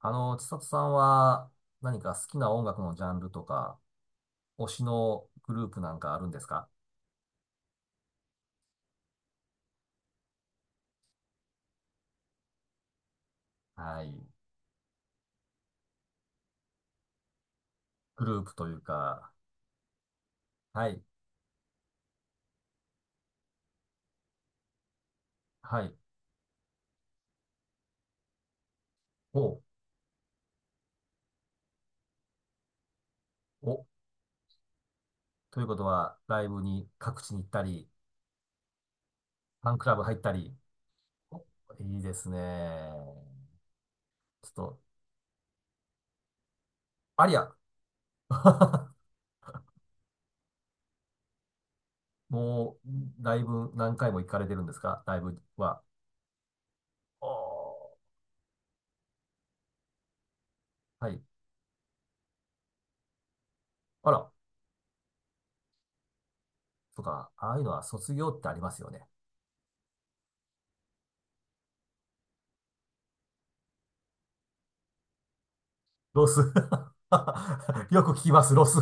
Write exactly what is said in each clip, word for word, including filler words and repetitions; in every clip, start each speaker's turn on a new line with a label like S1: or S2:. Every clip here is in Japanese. S1: あの、千里さんは何か好きな音楽のジャンルとか、推しのグループなんかあるんですか？はい。グループというか、はい。はい。お、お、ということは、ライブに各地に行ったり、ファンクラブ入ったり、お、いいですね。ちょっと、ありゃ。 もう、ライブ何回も行かれてるんですか？ライブは。おー、はい。あら、とか、ああいうのは卒業ってありますよね。ロス。 よく聞きます、ロス。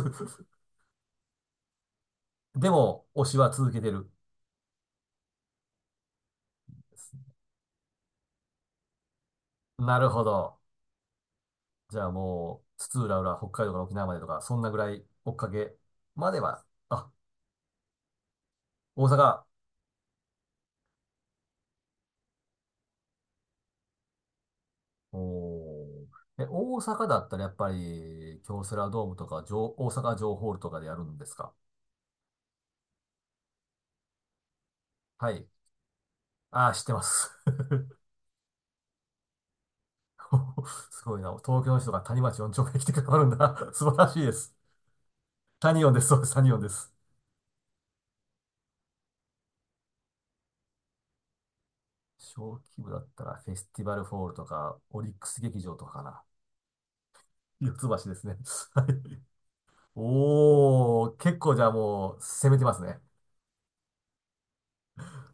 S1: でも、推しは続けてる。なるほど。じゃあもう、津々浦々、北海道から沖縄までとか、そんなぐらい追っかけまでは、あ、大阪。おー。え、大阪だったらやっぱり、京セラドームとか、城、大阪城ホールとかでやるんですか？はい。ああ、知ってます。すごいな。東京の人が谷町よん丁目に来てくださるんだ。素晴らしいです。サニオンです。そうです。サニオンです。小規模だったら、フェスティバルホールとか、オリックス劇場とかかな。四つ橋ですね。はい。おー、結構じゃあもう、攻めてますね。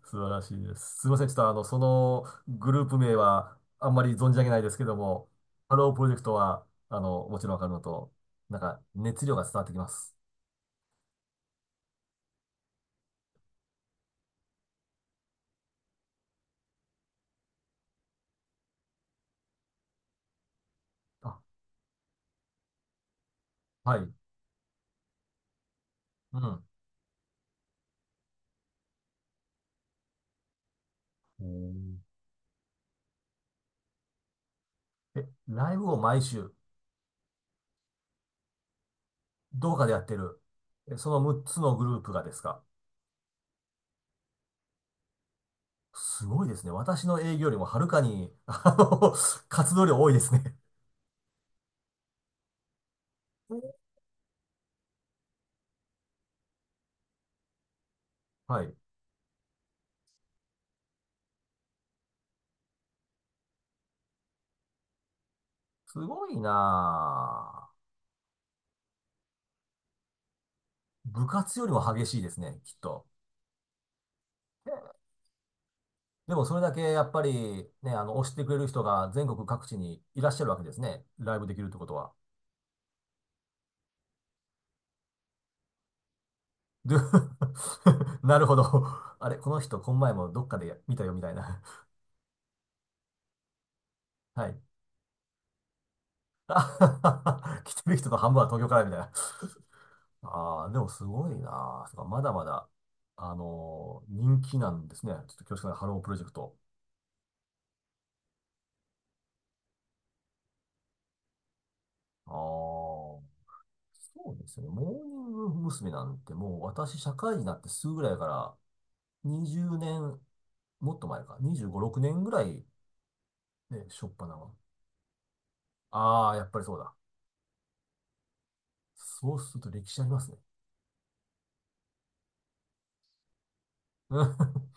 S1: 素晴らしいです。すいません。ちょっとあの、そのグループ名は、あんまり存じ上げないですけども、ハロープロジェクトは、あの、もちろんわかるのと、なんか、熱量が伝わってきます。あ、はい。うん。おー、え、ライブを毎週、どうかでやってる。え、そのむっつのグループがですか？すごいですね。私の営業よりもはるかに、あの、活動量多いですね。はい。すごいなぁ。部活よりも激しいですね、きっと。でもそれだけやっぱりね、あの、推してくれる人が全国各地にいらっしゃるわけですね。ライブできるってことは。で。 なるほど。あれ、この人、この前もどっかで見たよ、みたいな。はい。あ。 来てる人の半分は東京からみたいな。ああ、でもすごいな。そうか、まだまだ、あのー人気なんですね。ちょっと恐縮ながらハロープロジェクト。ああ、そうですね。モーニング娘。なんてもう私、社会人になってすぐぐらいからにじゅうねん、もっと前か、にじゅうご、ろくねんぐらい、ね、しょっぱなは。ああ、やっぱりそうだ。そうすると歴史ありますね。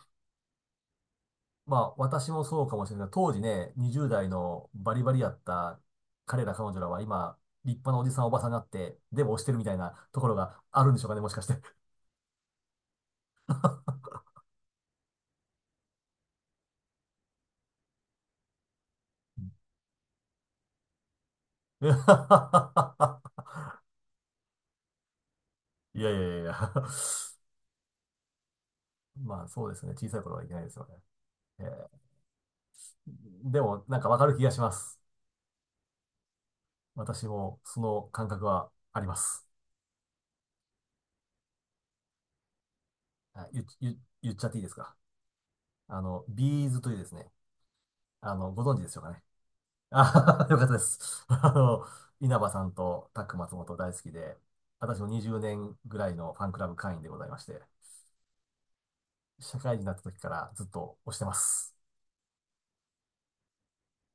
S1: まあ、私もそうかもしれない当時ね、にじゅう代のバリバリやった彼ら彼女らは今、立派なおじさんおばさんになって、でも推してるみたいなところがあるんでしょうかね、もしかして。うん。 いやいやいやいや。 まあ、そうですね。小さい頃はいけないですよね。えー、でも、なんかわかる気がします。私もその感覚はあります。あ、言っ、言っ言っちゃっていいですか？あの、ビーズというですね、あの、ご存知ですよかね？あー。 よかったです。あの、稲葉さんとタック松本大好きで、私もにじゅうねんぐらいのファンクラブ会員でございまして、社会人になった時からずっと推してます。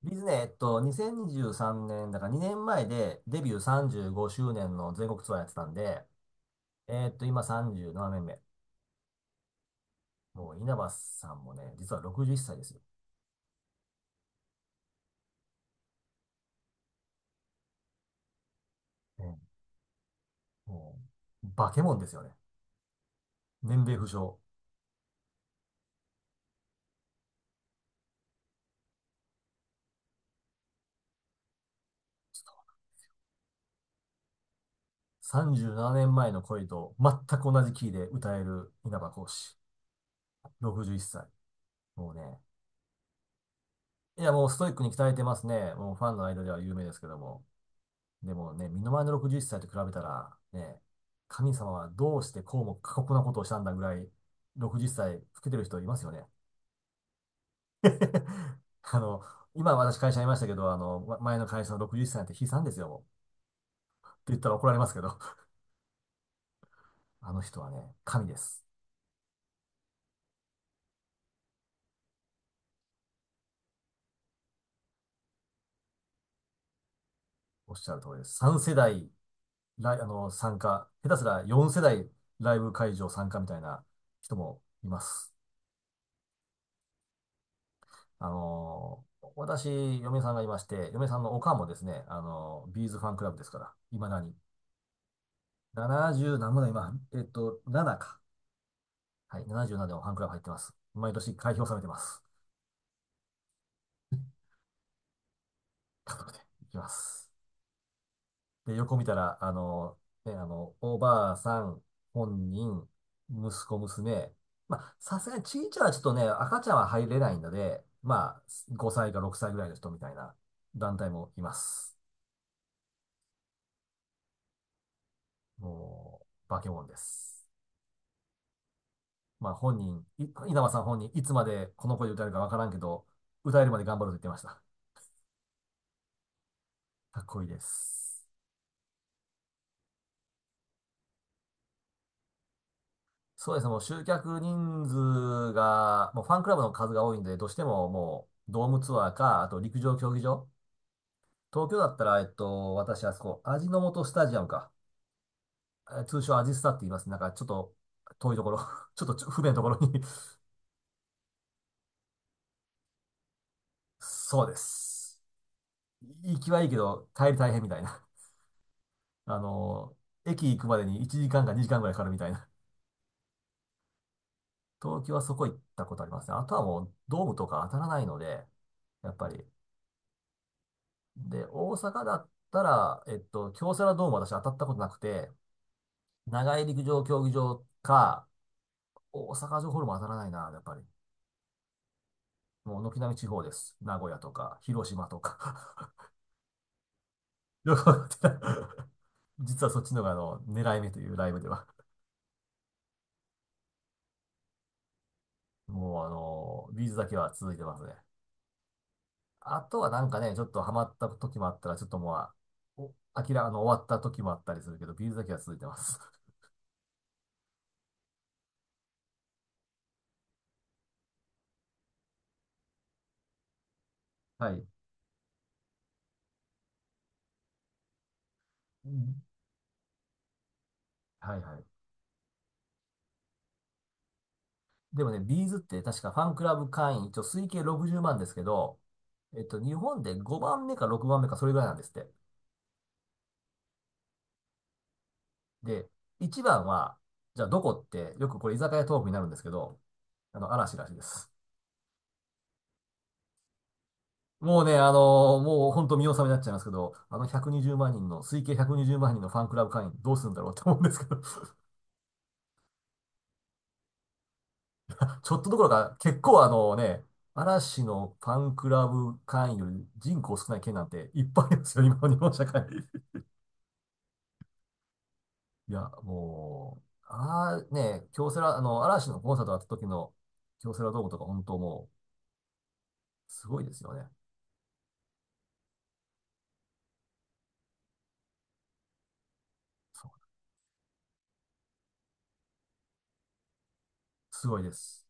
S1: ビズね、えっと、にせんにじゅうさんねん、だからにねんまえでデビューさんじゅうごしゅうねんの全国ツアーやってたんで、えっと、今さんじゅうななねんめ。もう稲葉さんもね、実はろくじゅういっさいですよ。え、もう、化け物ですよね。年齢不詳。さんじゅうななねんまえの恋と全く同じキーで歌える稲葉浩志。ろくじゅういっさい。もうね。いや、もうストイックに鍛えてますね。もうファンの間では有名ですけども。でもね、身の回りのろくじゅういっさいと比べたら、ね、神様はどうしてこうも過酷なことをしたんだぐらい、ろくじゅっさい老けてる人いますよね。あの、今私会社にいましたけど、あの、ま、前の会社のろくじゅっさいなんて悲惨ですよ、もう。って言ったら怒られますけど、あの人はね、神です。おっしゃる通りです。さん世代、ライ、あの、参加、下手すらよん世代ライブ会場参加みたいな人もいます。あのー私、嫁さんがいまして、嫁さんのおかんもですね、あのービーズファンクラブですから、いまだに。ななじゅう何もだ、今、えっと、ななか。はい、ななじゅうななでもファンクラブ入ってます。毎年開票されてます。家族で行きます。で、横見たら、あのーね、あの、おばあさん、本人、息子、娘。まあ、さすがにちいちゃはちょっとね、赤ちゃんは入れないので、まあ、ごさいかろくさいぐらいの人みたいな団体もいます。もう、化け物です。まあ本人、い稲葉さん本人、いつまでこの声で歌えるかわからんけど、歌えるまで頑張ると言ってました。かっこいいです。そうですね、もう集客人数が、もうファンクラブの数が多いんで、どうしてももうドームツアーか、あと陸上競技場。東京だったら、えっと、私あそこ、味の素スタジアムか。え、通称アジスタって言います。なんかちょっと遠いところ、ちょっとちょ不便なところに。 そうです。行きはいいけど、帰り大変みたいな。あの、駅行くまでにいちじかんかにじかんぐらいかかるみたいな。東京はそこ行ったことありますね。あとはもうドームとか当たらないので、やっぱり。で、大阪だったら、えっと、京セラドーム私当たったことなくて、長井陸上競技場か、大阪城ホールも当たらないな、やっぱり。もう軒並み地方です。名古屋とか、広島とか。よくわかってない。 実はそっちのがあの、狙い目というライブでは。もうあの、ビーズだけは続いてますね。あとはなんかね、ちょっとハマった時もあったら、ちょっともうおあ、きらあの、終わった時もあったりするけど、ビーズだけは続いてます。はい。うん、はいはい。でもね、ビーズって確かファンクラブ会員、一応推計ろくじゅうまんですけど、えっと、日本でごばんめかろくばんめかそれぐらいなんですって。で、いちばんは、じゃあどこって、よくこれ居酒屋トークになるんですけど、あの、嵐らしいです。もうね、あのーもう本当見納めになっちゃいますけど、あのひゃくにじゅうまん人の、推計ひゃくにじゅうまん人のファンクラブ会員どうするんだろうって思うんですけど、ちょっとどころか、結構あのね、嵐のファンクラブ会員より人口少ない県なんていっぱいありますよ、今の日本社会。いや、もう、ああね、京セラ、あの、嵐のコンサートあった時の京セラドームとか本当もう、すごいですよね。そう、すごいです。